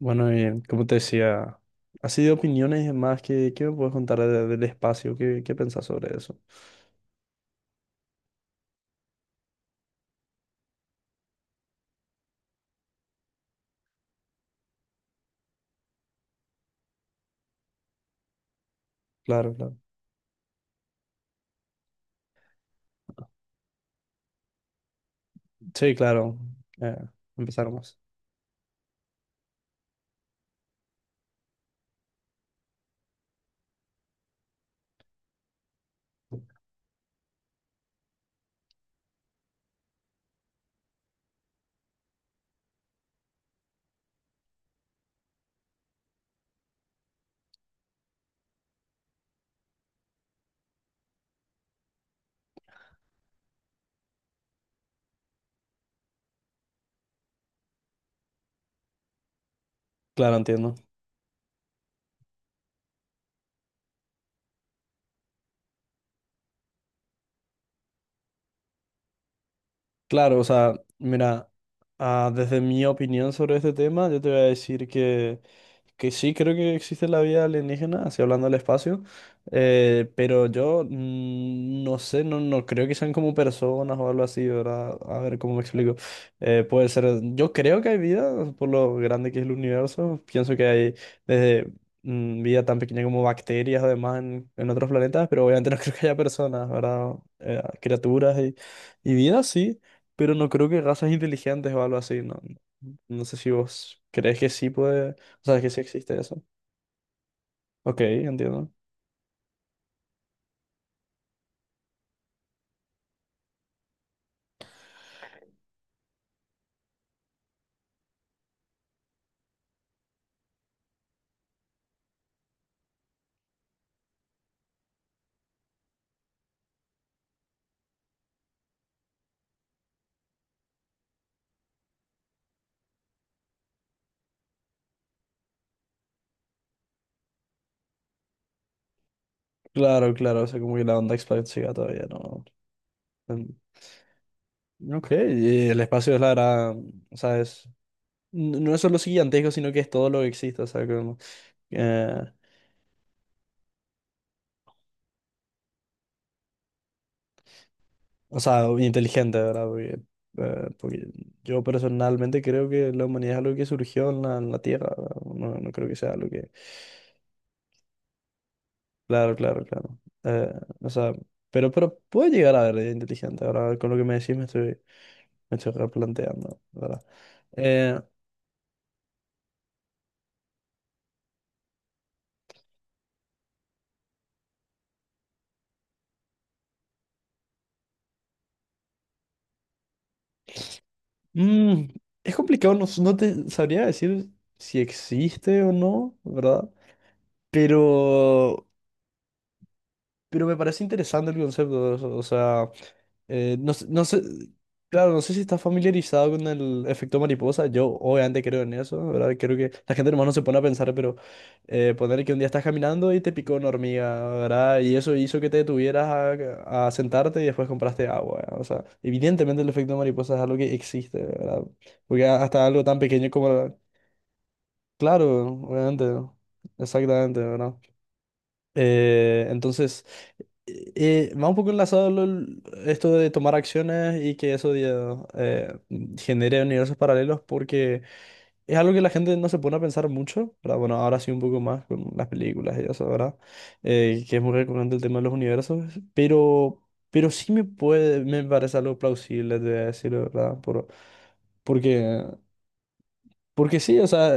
Bueno, y como te decía, así de opiniones y demás, ¿qué me puedes contar del espacio? ¿Qué pensás sobre eso? Claro, claro. Sí, claro. Eh, empezar más. Claro, entiendo. Claro, o sea, mira, desde mi opinión sobre este tema, yo te voy a decir que sí, creo que existe la vida alienígena, así hablando del espacio, pero yo no sé, no creo que sean como personas o algo así, ¿verdad? A ver cómo me explico. Puede ser, yo creo que hay vida, por lo grande que es el universo, pienso que hay desde vida tan pequeña como bacterias además en otros planetas, pero obviamente no creo que haya personas, ¿verdad? Criaturas y vida sí, pero no creo que razas inteligentes o algo así, ¿no? No sé si vos crees que sí puede, o sea, que sí existe eso. Ok, entiendo. Claro, claro, o sea, como que la onda expansiva todavía no. en- Ok, y el espacio es la verdad, o sea, es, no es solo gigantesco, sino que es todo lo que existe, o sea, como, eh, o sea, inteligente, ¿verdad? Porque yo personalmente creo que la humanidad es algo que surgió en en la Tierra, ¿verdad? No creo que sea algo que... Claro, claro, claro. Eh, o sea, pero puede llegar a ver inteligente, ahora con lo que me decís me estoy replanteando, ¿verdad? Eh, Mm, es complicado, no, no te sabría decir si existe o no, ¿verdad? Pero, pero me parece interesante el concepto, o sea, no, no sé, claro, no sé si estás familiarizado con el efecto mariposa. Yo obviamente creo en eso, ¿verdad? Creo que la gente nomás no se pone a pensar, pero poner que un día estás caminando y te picó una hormiga, ¿verdad? Y eso hizo que te detuvieras a sentarte y después compraste agua. O sea, evidentemente el efecto mariposa es algo que existe, ¿verdad? Porque hasta algo tan pequeño como... Claro, obviamente, exactamente, ¿verdad? Entonces... va un poco enlazado esto de tomar acciones y que eso ya, genere universos paralelos porque es algo que la gente no se pone a pensar mucho, ¿verdad? Bueno, ahora sí un poco más con las películas y eso, ¿verdad? Que es muy recurrente el tema de los universos, pero, pero sí me parece algo plausible, te voy a decir, ¿verdad? Porque, porque sí, o sea,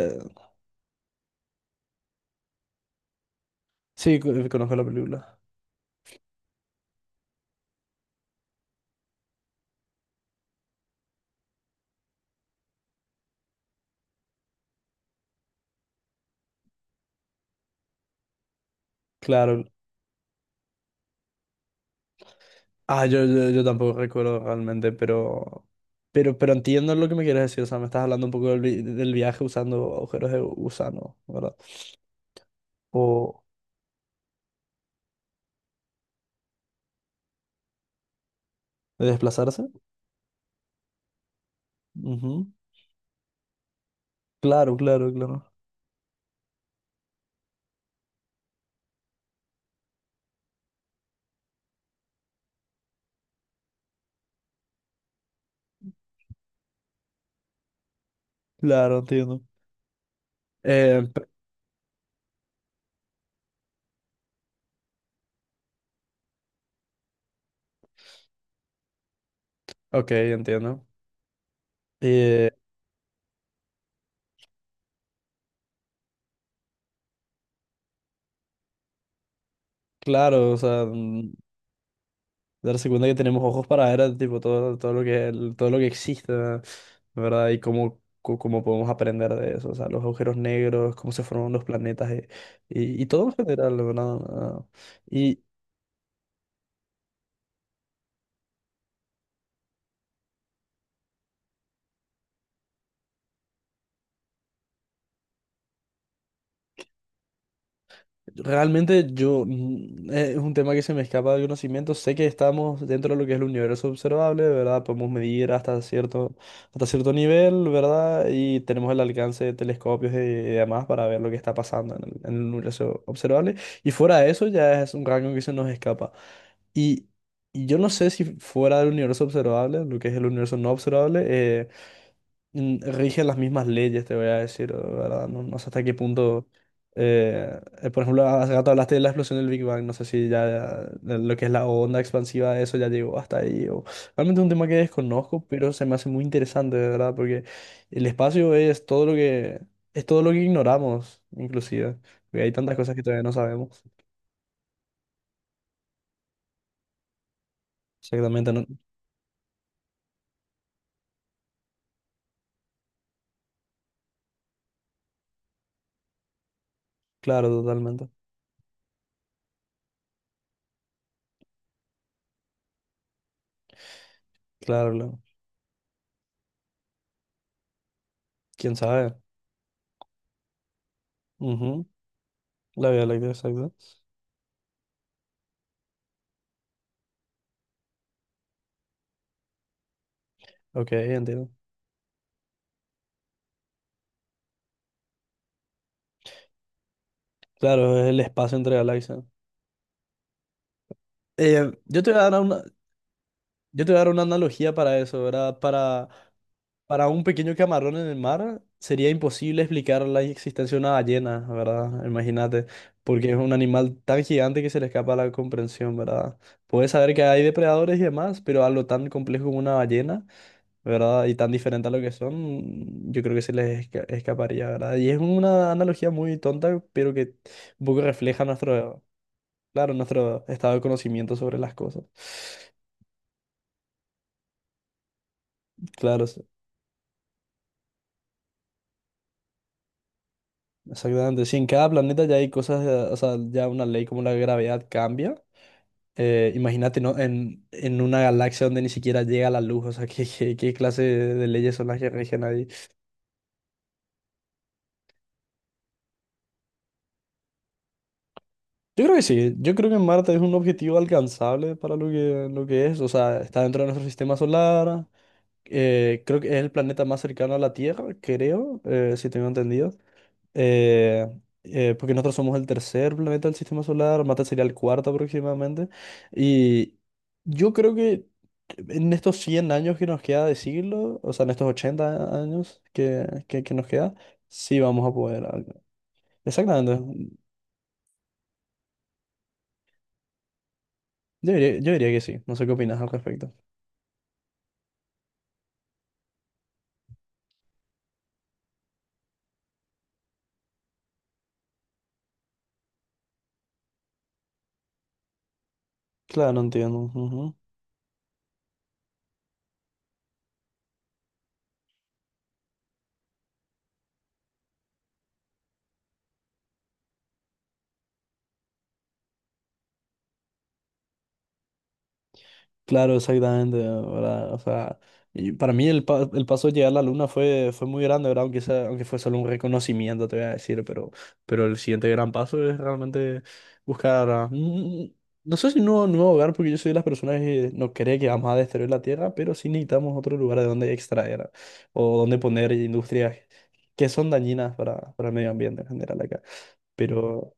sí, conozco la película. Claro, ah, yo tampoco recuerdo realmente, pero entiendo lo que me quieres decir. O sea, me estás hablando un poco del, del viaje usando agujeros de gusano, ¿verdad? O de desplazarse. Ujú. Claro, claro, claro. Claro, entiendo. Eh, pe- ok, entiendo. Eh, claro, o sea, mm, darse cuenta que tenemos ojos para ver tipo todo, todo lo que todo lo que existe, ¿verdad? Y cómo, cómo podemos aprender de eso, o sea, los agujeros negros, cómo se forman los planetas y todo en general, ¿verdad? Ah, y, realmente yo mm, es un tema que se me escapa de conocimiento. Sé que estamos dentro de lo que es el universo observable, ¿verdad? Podemos medir hasta hasta cierto nivel, ¿verdad? Y tenemos el alcance de telescopios y demás para ver lo que está pasando en en el universo observable. Y fuera de eso ya es un rango que se nos escapa. Y, y yo no sé si fuera del universo observable, lo que es el universo no observable, mm, rige las mismas leyes, te voy a decir, ¿verdad? No, no sé hasta qué punto. Por ejemplo, hace rato hablaste de la explosión del Big Bang. No sé si ya lo que es la onda expansiva de eso ya llegó hasta ahí. O... Realmente es un tema que desconozco, pero se me hace muy interesante, de ¿verdad? Porque el espacio es todo lo que, es todo lo que ignoramos, inclusive. Porque hay tantas cosas que todavía no sabemos. Exactamente, no- Claro, totalmente. Claro, claro. ¿Quién sabe? Ujú. La Vía Láctea, exacto. Ok, entiendo. Claro, es el espacio entre galaxias. Eh, yo te voy a dar una, yo te voy a dar una analogía para eso, ¿verdad? Para un pequeño camarón en el mar sería imposible explicar la existencia de una ballena, ¿verdad? Imagínate, porque es un animal tan gigante que se le escapa la comprensión, ¿verdad? Puedes saber que hay depredadores y demás, pero algo tan complejo como una ballena, ¿verdad? Y tan diferente a lo que son, yo creo que se les escaparía, ¿verdad? Y es una analogía muy tonta, pero que un poco refleja nuestro, claro, nuestro estado de conocimiento sobre las cosas. Claro, exactamente. Si en cada planeta ya hay cosas, o sea, ya una ley como la gravedad cambia, imagínate, ¿no? En una galaxia donde ni siquiera llega la luz, o sea, ¿qué clase de leyes son las que rigen ahí? Yo creo que sí, yo creo que Marte es un objetivo alcanzable para lo que es, o sea, está dentro de nuestro sistema solar, creo que es el planeta más cercano a la Tierra, creo, si tengo entendido. eh, porque nosotros somos el tercer planeta del sistema solar, Marte sería el cuarto aproximadamente, y yo creo que en estos 100 años que nos queda de siglo, o sea, en estos 80 años que nos queda, sí vamos a poder. Algo. Exactamente, yo diría que sí, no sé qué opinas al respecto. Claro, no entiendo. Ujú. Claro, exactamente, ¿verdad? O sea, y para mí el paso de llegar a la luna fue muy grande, ¿verdad? Aunque fue solo un reconocimiento, te voy a decir, pero el siguiente gran paso es realmente buscar, ah, mm, no sé si un nuevo, nuevo hogar, porque yo soy de las personas que no cree que vamos a destruir la Tierra, pero sí necesitamos otro lugar de donde extraer o donde poner industrias que son dañinas para el medio ambiente en general acá. Pero...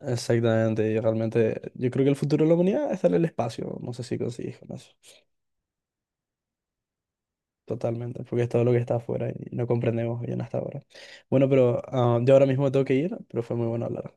Exactamente, y realmente yo creo que el futuro de la humanidad está en el espacio, no sé si consigues con eso. Totalmente, porque es todo lo que está afuera y no comprendemos bien hasta ahora. Bueno, pero ah, yo ahora mismo tengo que ir, pero fue muy bueno hablar.